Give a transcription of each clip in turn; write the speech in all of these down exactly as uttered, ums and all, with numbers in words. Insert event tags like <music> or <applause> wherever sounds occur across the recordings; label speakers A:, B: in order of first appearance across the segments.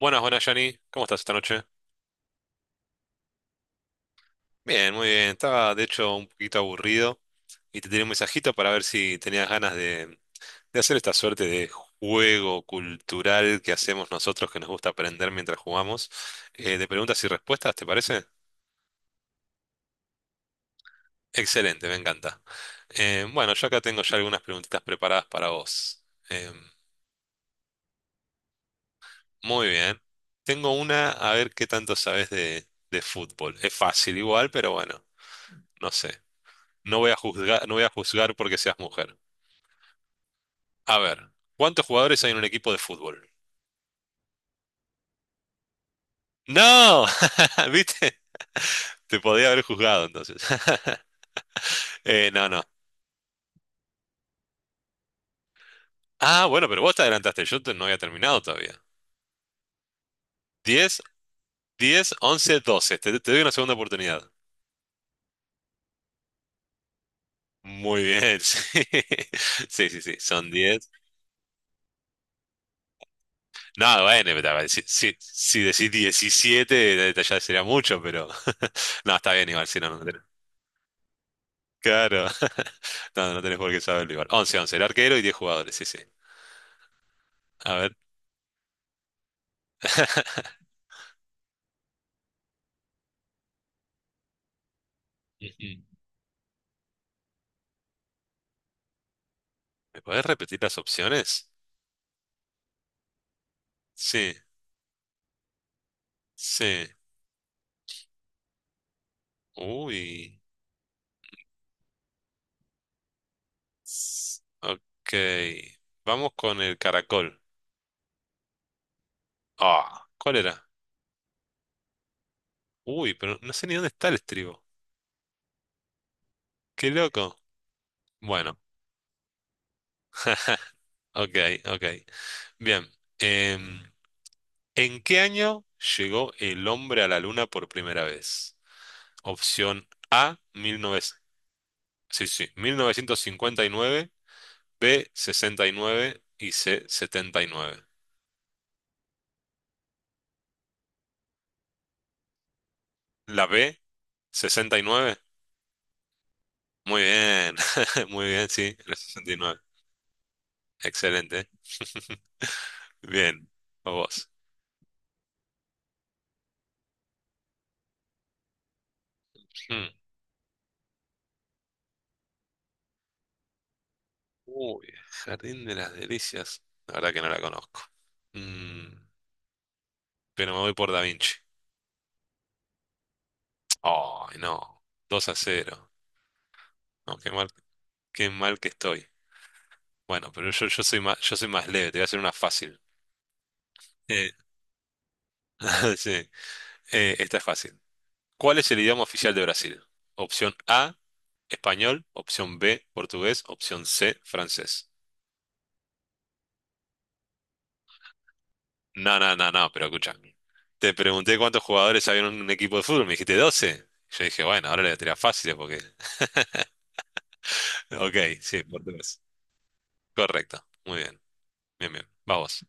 A: Buenas, buenas, Johnny. ¿Cómo estás esta noche? Bien, muy bien. Estaba, de hecho, un poquito aburrido y te tenía un mensajito para ver si tenías ganas de, de hacer esta suerte de juego cultural que hacemos nosotros que nos gusta aprender mientras jugamos, eh, de preguntas y respuestas, ¿te parece? Excelente, me encanta. Eh, bueno, yo acá tengo ya algunas preguntitas preparadas para vos. Em, Muy bien. Tengo una, a ver qué tanto sabes de, de fútbol. Es fácil igual, pero bueno, no sé. No voy a juzgar, no voy a juzgar porque seas mujer. A ver, ¿cuántos jugadores hay en un equipo de fútbol? ¡No! <laughs> ¿Viste? Te podía haber juzgado entonces. <laughs> Eh, no, no. Ah, bueno, pero vos te adelantaste. Yo te- no había terminado todavía. Diez, diez, once, doce. Te, te doy una segunda oportunidad. Muy bien, <laughs> sí. Sí, sí, sí. Son diez. No, bueno, pero a ver, si, si, si decís diecisiete, ya sería mucho, pero. <laughs> No, está bien igual, si no, no tenés. Claro. <laughs> No, no tenés por qué saberlo igual. Once, once. El arquero y diez jugadores, sí, sí. A ver. <laughs> Ujú. ¿Me puedes repetir las opciones? Sí, sí. Uy. S- Ok. Vamos con el caracol. Ah, ¿cuál era? Uy, pero no sé ni dónde está el estribo. Qué loco. Bueno, <laughs> ok, ok. Bien. Em, ¿En qué año llegó el hombre a la luna por primera vez? Opción A, diecinueve, sí, sí, mil novecientos cincuenta y nueve. B, sesenta y nueve. Y C, setenta y nueve. La B, sesenta y nueve. Muy bien, <laughs> muy bien, sí, en el sesenta y nueve. Excelente. <laughs> Bien, a vos. Mm. Uy, Jardín de las Delicias. La verdad que no la conozco. Mm, pero me voy por Da Vinci. Ay, no. Dos a cero. No, qué mal, qué mal que estoy. Bueno, pero yo, yo soy más, yo soy más leve, te voy a hacer una fácil. Eh, <laughs> sí. Eh, esta es fácil. ¿Cuál es el idioma oficial de Brasil? Opción A, español, opción B, portugués, opción C, francés. No, no, no, no, pero escucha. Te pregunté cuántos jugadores había en un equipo de fútbol, me dijiste doce. Yo dije, bueno, ahora le voy a tirar fáciles porque... <laughs> Ok, sí, portugués. Correcto, muy bien, bien, bien. Vamos.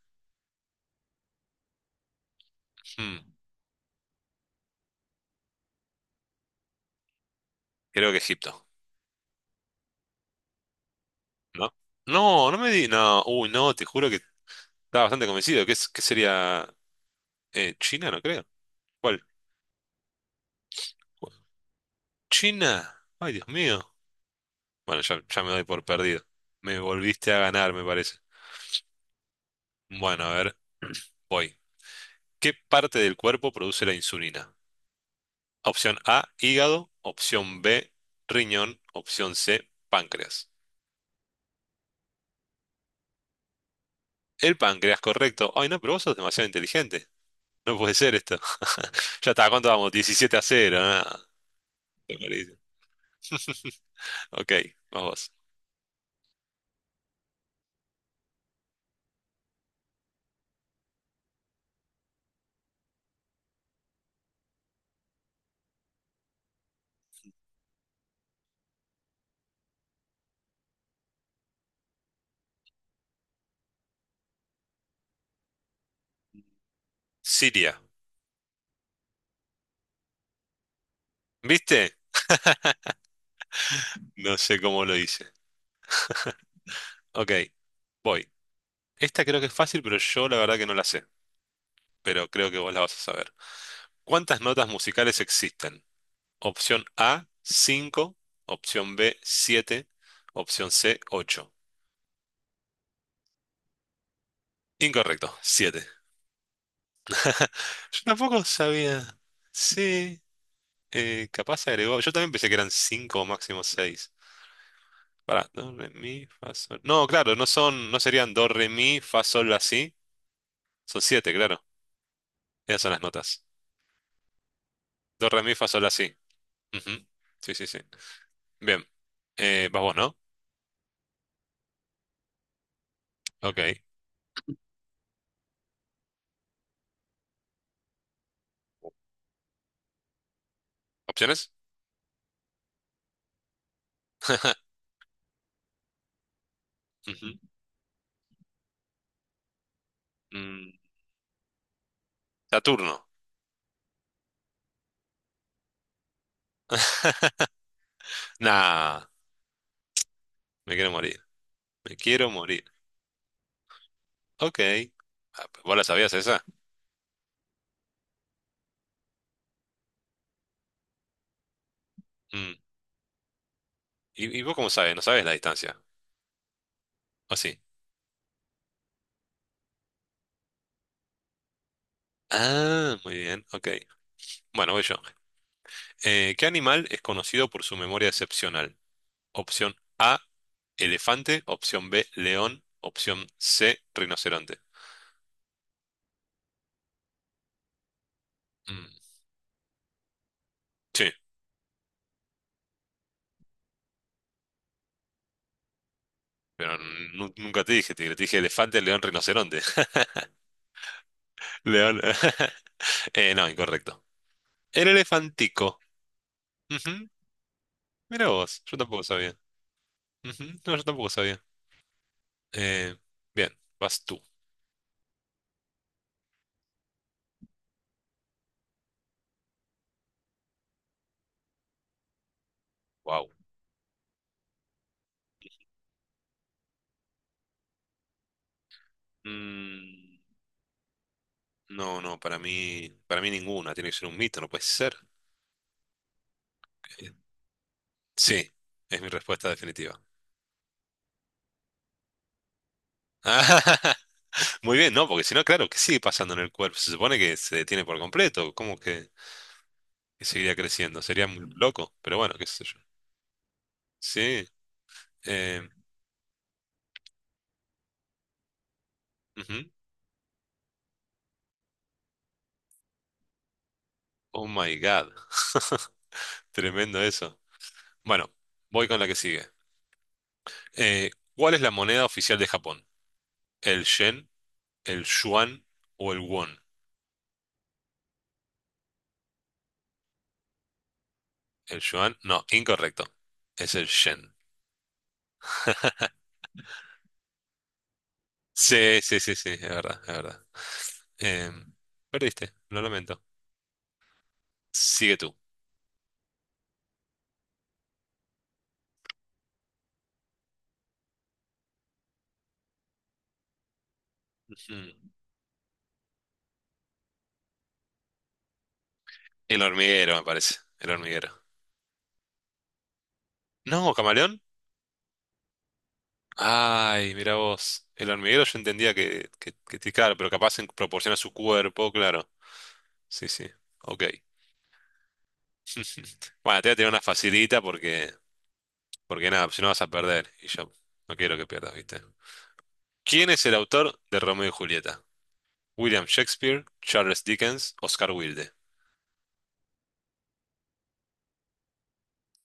A: Mm, Creo que Egipto, ¿no? No, no me di... No, uy, no, te juro que estaba bastante convencido. ¿Qué, es- qué sería? Eh, China, no creo. ¿Cuál? ¿China? Ay, Dios mío. Bueno, ya, ya me doy por perdido. Me volviste a ganar, me parece. Bueno, a ver, voy. ¿Qué parte del cuerpo produce la insulina? Opción A, hígado. Opción B, riñón. Opción C, páncreas. El páncreas, correcto. Ay, no, pero vos sos demasiado inteligente. No puede ser esto. <laughs> Ya está, ¿cuánto vamos? diecisiete a cero. Nada. Te morís. <laughs> Ok, vamos. Siria. ¿Viste? No sé cómo lo hice. Ok, voy. Esta creo que es fácil, pero yo la verdad que no la sé. Pero creo que vos la vas a saber. ¿Cuántas notas musicales existen? Opción A, cinco. Opción B, siete. Opción C, ocho. Incorrecto, siete. <laughs> Yo tampoco sabía. Sí, eh, capaz se agregó. Yo también pensé que eran cinco o máximo seis. Para, do, re, mi, fa, sol. No, claro, no son, no serían do, re, mi, fa, sol, la, si. Son siete, claro. Esas son las notas. Do, re, mi, fa, sol, la, si. Ujú. Sí, sí, sí. Bien. Eh, vas vos, ¿no? Ok. ¿Opciones? <laughs> Ujú. Mm, Saturno. <laughs> Nah, me quiero morir. Me quiero morir. Ok. Ah, pues, ¿vos la sabías esa? Mm. ¿Y, y vos cómo sabes? ¿No sabes la distancia? ¿O sí? Ah, muy bien. Ok. Bueno, voy yo. Eh, ¿qué animal es conocido por su memoria excepcional? Opción A, elefante. Opción B, león. Opción C, rinoceronte. Mm, Sí, pero nu- nunca te dije tigre. Te dije elefante, león, rinoceronte. <laughs> León. <laughs> Eh, no, incorrecto. El elefantico. Ujú, mira vos, yo tampoco sabía. Ujú, no, yo tampoco sabía. Eh, Bien, vas tú. Wow. Mm, no, no, para mí, para mí ninguna. Tiene que ser un mito, no puede ser. Eh, Sí, es mi respuesta definitiva. <laughs> Muy bien, no, porque si no, claro, que sigue pasando en el cuerpo. Se supone que se detiene por completo. ¿Cómo que, que, seguiría creciendo? Sería muy loco, pero bueno, qué sé yo. Sí. eh, Ujú. Oh my God. <laughs> Tremendo eso. Bueno, voy con la que sigue. Eh, ¿Cuál es la moneda oficial de Japón? ¿El yen? El yuan o el won. El yuan, no, incorrecto. Es el yen. Sí, sí, sí, sí, es verdad, es verdad. Em, Perdiste, lo lamento. Sigue tú. Mm. El hormiguero, me parece. El hormiguero. No, camaleón. Ay, mira vos. El hormiguero yo entendía que, que, que te- claro, pero capaz en proporción a su cuerpo, claro. Sí, sí. Ok. <laughs> Bueno, te voy a tirar una facilita porque, porque nada, si no vas a perder. Y yo no quiero que pierdas, ¿viste? ¿Quién es el autor de Romeo y Julieta? William Shakespeare, Charles Dickens, Oscar Wilde.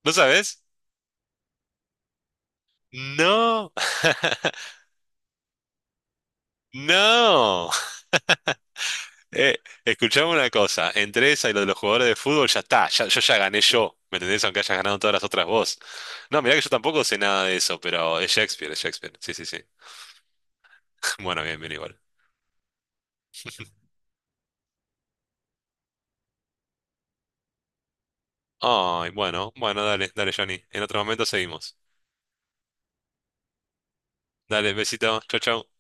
A: ¿No sabes? No, <laughs> no. Eh, Escuchame una cosa, entre esa y lo de los jugadores de fútbol ya está, ya- yo ya gané yo, ¿me entendés? Aunque hayas ganado todas las otras vos. No, mirá que yo tampoco sé nada de eso, pero es Shakespeare, es Shakespeare. Sí, sí, sí. <laughs> Bueno, bien, bien igual. Ay, bueno, bueno, dale, dale, Johnny. En otro momento seguimos. Dale, besito, chau, chau.